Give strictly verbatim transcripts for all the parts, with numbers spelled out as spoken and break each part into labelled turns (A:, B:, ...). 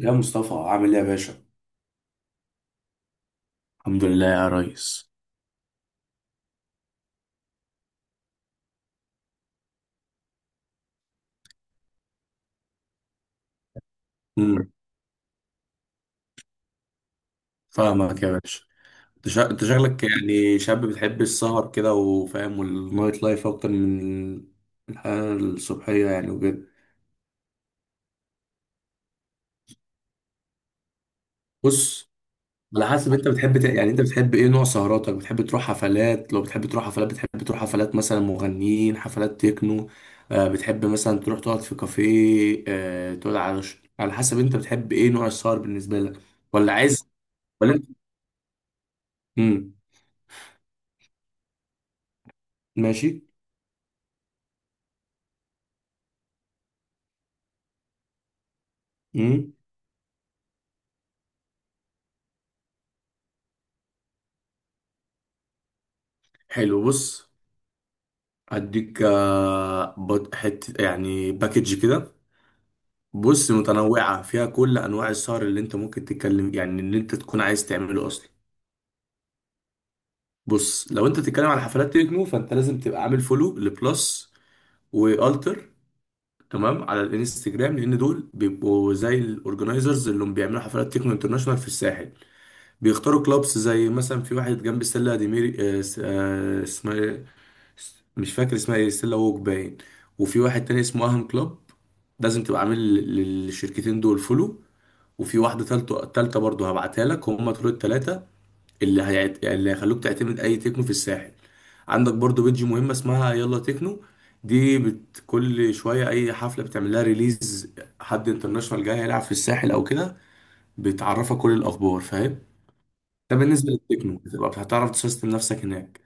A: يا مصطفى عامل ايه يا باشا؟ الحمد لله يا ريس. امم فاهمك يا باشا. انت شا- انت شكلك يعني شاب بتحب السهر كده وفاهم، والنايت لايف اكتر من الحياة الصبحية يعني وكده. بص، على حسب انت بتحب ت- يعني انت بتحب ايه نوع سهراتك؟ بتحب تروح حفلات؟ لو بتحب تروح حفلات، بتحب تروح حفلات مثلا مغنيين، حفلات تكنو؟ آه بتحب مثلا تروح تقعد في كافيه؟ آه تقعد على ش- على حسب انت بتحب ايه نوع السهر بالنسبة لك؟ ولا عايز، ولا انت، امم ماشي. مم. حلو، بص. اديك آه، بط- حته يعني باكج كده. بص، متنوعه فيها كل انواع السهر اللي انت ممكن تتكلم، يعني اللي انت تكون عايز تعمله اصلا. بص، لو انت تتكلم على حفلات تكنو، فانت لازم تبقى عامل فولو لبلس والتر تمام على الانستجرام، لان دول بيبقوا زي الاورجنايزرز اللي هم بيعملوا حفلات تكنو انترناشونال في الساحل. بيختاروا كلابس زي مثلا في واحد جنب السله دي ميري، آه، س- آه، اسمها إيه؟ مش فاكر اسمها ايه، ستيلا ووك باين. وفي واحد تاني اسمه اهم كلوب. لازم تبقى عامل لل- للشركتين دول فولو. وفي واحدة تالتة تالتة برضه هبعتها لك، هم دول التلاتة اللي هيعت... اللي هيخلوك تعتمد أي تكنو في الساحل. عندك برضه بيدج مهمة اسمها يلا تكنو، دي بت... كل شوية أي حفلة بتعمل لها ريليز، حد انترناشونال جاي هيلعب في الساحل أو كده، بتعرفك كل الأخبار، فاهم. ده بالنسبة للتكنو، بتبقى هتعرف تسيستم نفسك هناك.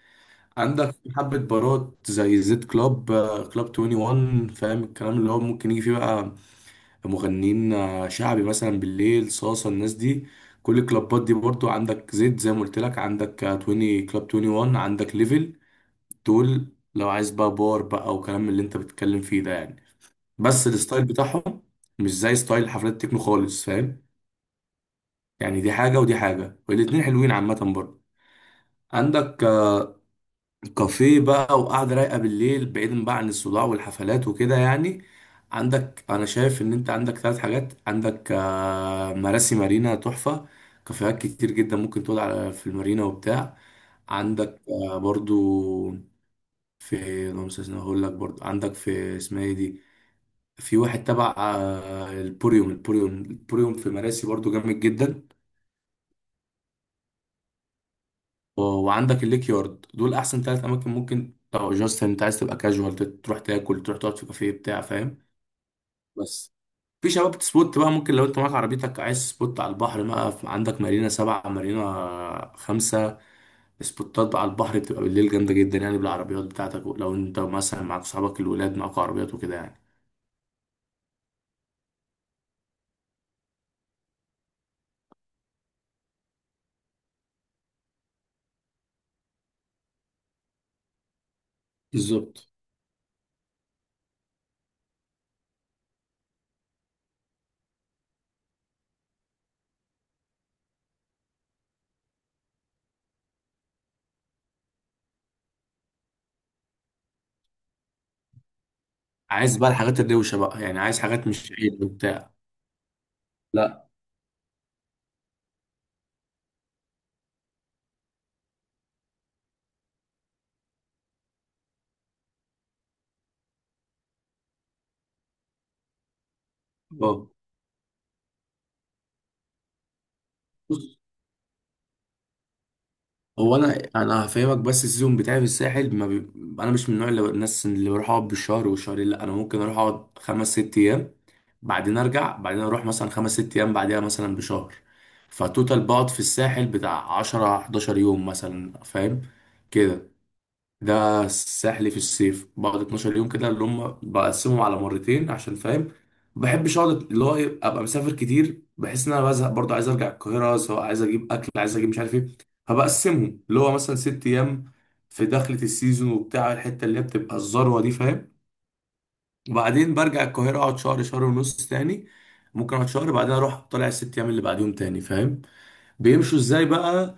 A: عندك حبة بارات زي زد كلاب، آه، كلاب واحد وعشرين، فاهم الكلام اللي هو ممكن يجي فيه بقى مغنيين، آه، شعبي مثلا بالليل، صاصة الناس دي. كل الكلابات دي برضو عندك زد زي ما قلت لك، عندك آه، عشرين كلاب واحد وعشرين، عندك ليفل، دول. لو عايز بقى بار بقى وكلام اللي انت بتتكلم فيه ده يعني، بس الستايل بتاعهم مش زي ستايل حفلات التكنو خالص، فاهم. يعني دي حاجة ودي حاجة، والاتنين حلوين عامة برضو. عندك كافيه بقى وقعدة رايقة بالليل، بعيدا بقى عن الصداع والحفلات وكده يعني. عندك، أنا شايف إن أنت عندك ثلاث حاجات، عندك آه، مراسي مارينا تحفة، كافيهات كتير جدا، ممكن تقعد على في المارينا وبتاع. عندك آه، برضو في، اللهم صل وسلم، هقول لك برضو عندك في، اسمها ايه دي؟ في واحد تبع آه، البوريوم البوريوم البوريوم في مراسي، برضو جامد جدا. و- وعندك الليك يارد. دول احسن ثلاث اماكن ممكن لو جاست انت عايز تبقى كاجوال، تروح تاكل، تروح تقعد في كافيه بتاع فاهم. بس في شباب سبوت بقى ممكن لو انت معاك عربيتك، عايز سبوت على البحر بقى، في- عندك مارينا سبعة، مارينا خمسة، سبوتات بقى على البحر بتبقى بالليل جامدة جدا، يعني بالعربيات بتاعتك، لو انت مثلا معاك صحابك الولاد، معاك عربيات وكده يعني. بالظبط. عايز بقى الحاجات الروشة بقى، يعني عايز حاجات مش عيد وبتاع. لا. اه، هو انا انا هفهمك، بس السيزون بتاعي في الساحل ما بي... انا مش من النوع اللي الناس اللي بروح اقعد بالشهر والشهرين، لا، انا ممكن اروح اقعد خمس ست ايام، بعدين ارجع، بعدين اروح مثلا خمس ست ايام بعدها مثلا بشهر. فتوتال بقعد في الساحل بتاع عشر حداشر يوم مثلا، فاهم كده. ده سحلي في الصيف، بقعد اتنعشر يوم كده اللي هم بقسمهم على مرتين، عشان فاهم ما بحبش اقعد اللي هو إيه، ابقى مسافر كتير بحس ان انا بزهق برضه، عايز ارجع القاهره، سواء عايز اجيب اكل، عايز اجيب مش عارف ايه. فبقسمهم اللي هو مثلا ست ايام في دخلة السيزون وبتاع، الحته اللي هي بتبقى الذروه دي، فاهم. وبعدين برجع القاهره اقعد شهر شهر ونص تاني، ممكن اقعد شهر، بعدين اروح طالع الست ايام اللي بعديهم تاني، فاهم بيمشوا ازاي بقى.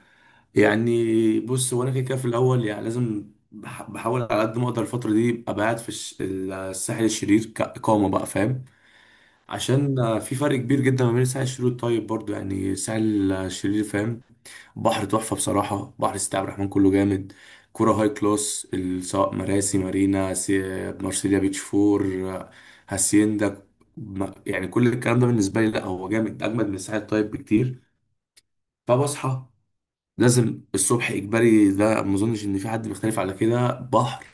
A: يعني بص، هو انا كده كده في الاول يعني لازم بح- بحاول على قد ما اقدر الفتره دي ابقى قاعد في الش- الساحل الشرير كاقامه بقى، فاهم. عشان آه، في فرق كبير جدا ما بين الساحل الشرير والطيب برضو، يعني الساحل الشرير فاهم، بحر تحفه بصراحه. بحر سيدي عبد الرحمن كله جامد، كرة هاي كلاس، ال- سواء مراسي مارينا، سي- مارسيليا بيتش فور، آه، هاسيندا، ما- يعني كل الكلام ده بالنسبه لي لا، هو جامد، اجمد من الساحل الطيب بكتير. فبصحى نازل الصبح اجباري، ده ما اظنش ان في حد بيختلف على كده، بحر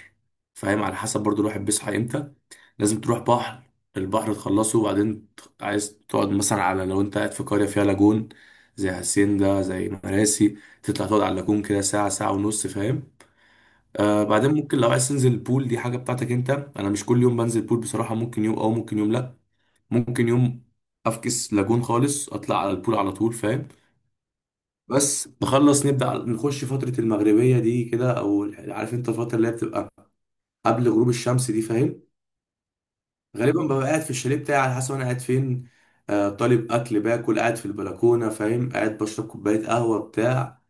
A: فاهم، على حسب برضو الواحد بيصحى امتى، لازم تروح بحر. البحر تخلصه وبعدين ت- عايز تقعد مثلا على، لو انت قاعد في قرية فيها لاجون زي هاسيندا زي مراسي، تطلع تقعد على اللاجون كده ساعة ساعة ونص، فاهم. آه بعدين ممكن لو عايز تنزل البول، دي حاجة بتاعتك انت، انا مش كل يوم بنزل بول بصراحة، ممكن يوم او ممكن يوم لا، ممكن يوم افكس لاجون خالص، اطلع على البول على طول، فاهم. بس نخلص نبدأ نخش فترة المغربية دي كده، أو عارف أنت الفترة اللي هي بتبقى قبل غروب الشمس دي، فاهم. غالبا ببقى قاعد في الشاليه بتاعي، على حسب أنا قاعد فين، آه طالب أكل باكل، قاعد في البلكونة فاهم، قاعد بشرب كوباية قهوة بتاع.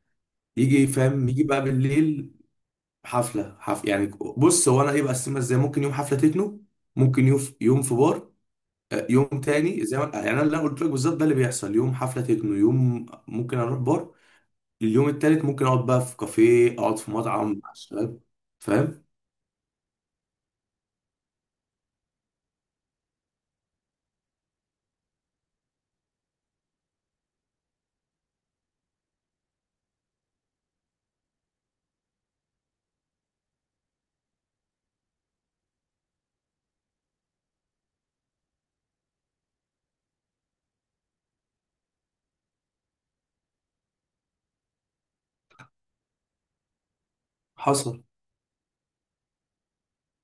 A: يجي فاهم، يجي بقى بالليل حفلة حف يعني، بص هو أنا إيه بقسمها إزاي، ممكن يوم حفلة تكنو، ممكن يوم يوم في بار، آه، يوم تاني زي ما يعني أنا اللي أنا قلت لك بالظبط، ده اللي بيحصل، يوم حفلة تكنو، يوم ممكن أروح بار، اليوم التالت ممكن اقعد بقى في كافيه، اقعد في مطعم مع الشباب، فاهم. حصل.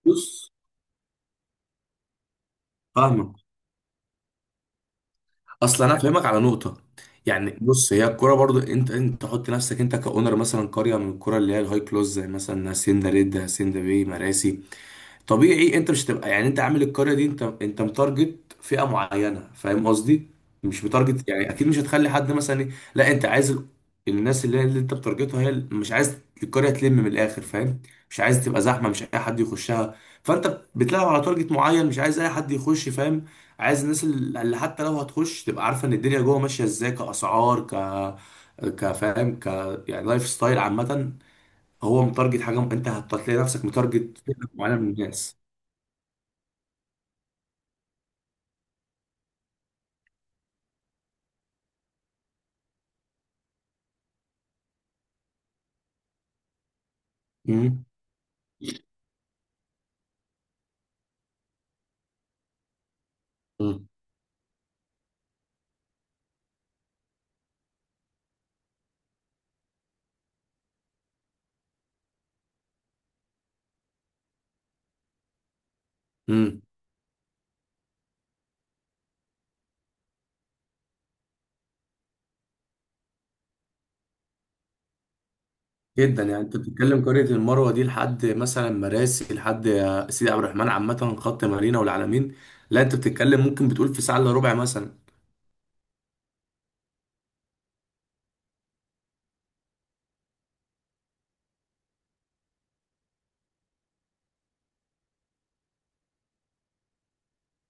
A: بص، فاهمك. اصل انا افهمك على نقطه. يعني بص، هي الكوره برضو، انت انت تحط نفسك انت كاونر مثلا قريه من الكوره اللي هي الهاي كلوز، زي مثلا هاسيندا ريد، هاسيندا بي، مراسي، طبيعي انت مش هتبقى يعني، انت عامل القريه دي، انت انت متارجت فئه معينه، فاهم قصدي. مش متارجت، يعني اكيد مش هتخلي حد مثلا ايه- لا، انت عايز ال- الناس اللي, اللي انت بتارجتها هي ال- مش عايز القريه تلم من الاخر، فاهم. مش عايز تبقى زحمه، مش اي حد يخشها، فانت بتلعب على تارجت معين، مش عايز اي حد يخش، فاهم. عايز الناس اللي اللي حتى لو هتخش تبقى عارفه ان الدنيا جوه ماشيه ازاي، كاسعار ك، كفاهم ك، يعني لايف ستايل عامه، هو متارجت حاجه، انت هتلاقي نفسك متارجت فئه معينه من الناس. مم. مم. مم. جدا، يعني انت بتتكلم قرية المروة دي لحد مثلا مراسي، لحد سيدي عبد الرحمن عامة، خط مارينا والعلمين، لا، انت بتتكلم ممكن بتقول في ساعة الا ربع مثلا.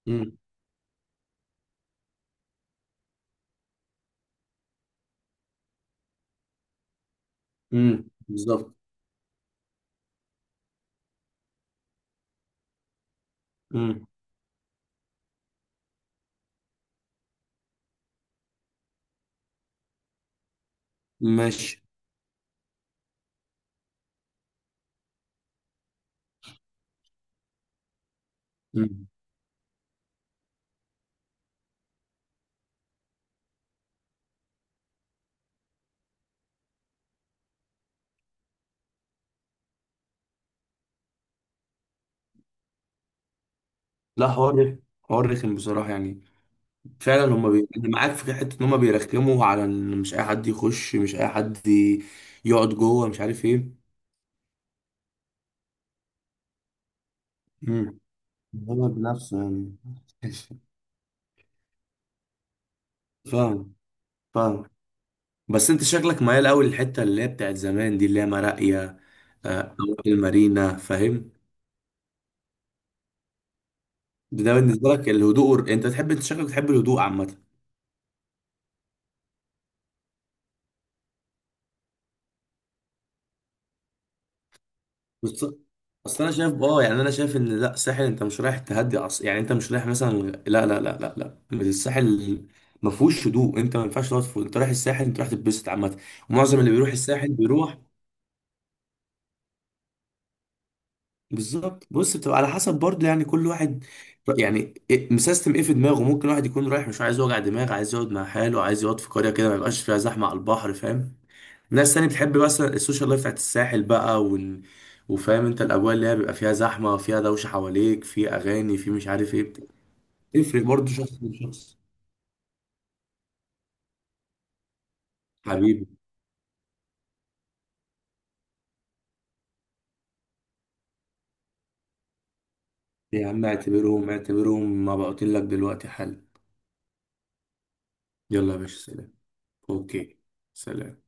A: مم. مم. بالظبط. مم. ماشي. مم. لا، حوار رخم، حوار رخم بصراحة يعني، فعلا هما بي... أنا معاك في حتة ان هما بيرخموا على ان مش اي حد يخش، مش اي حد ي- يقعد جوه، مش عارف ايه. مم. هو بنفسه يعني. فاهم. فاهم. بس انت شكلك ميال قوي للحته اللي هي بتاعت زمان دي، اللي هي مراقيه، آه، أو المارينا فاهم. ده ده بالنسبه لك الهدوء وال- انت تحب، انت شكلك بتحب الهدوء عامه. بس بس انا شايف اه، يعني انا شايف ان لا، الساحل انت مش رايح تهدي أص... يعني انت مش رايح مثلا، لا لا لا لا لا، الساحل ما فيهوش هدوء، انت ما ينفعش تقعد في... انت رايح الساحل انت رايح تتبسط عامه، ومعظم اللي بيروح الساحل بيروح. بالظبط. بص، بتبقى على حسب برضه يعني كل واحد، يعني إيه- مسيستم ايه في دماغه، ممكن واحد يكون رايح مش عايز يوجع دماغ، عايز يقعد مع حاله، عايز يقعد في قرية كده ما يبقاش فيها زحمة على البحر، فاهم. ناس تاني بتحب بس السوشيال لايف بتاعت الساحل بقى ون... وفاهم انت الاجواء اللي هي بيبقى فيها زحمة، فيها دوشة حواليك، في اغاني، في مش عارف ايه. تفرق برضه شخص من شخص. حبيبي. يا عم اعتبرهم اعتبرهم مبعوتين لك دلوقتي، حل. يلا يا باشا، سلام. اوكي. سلام.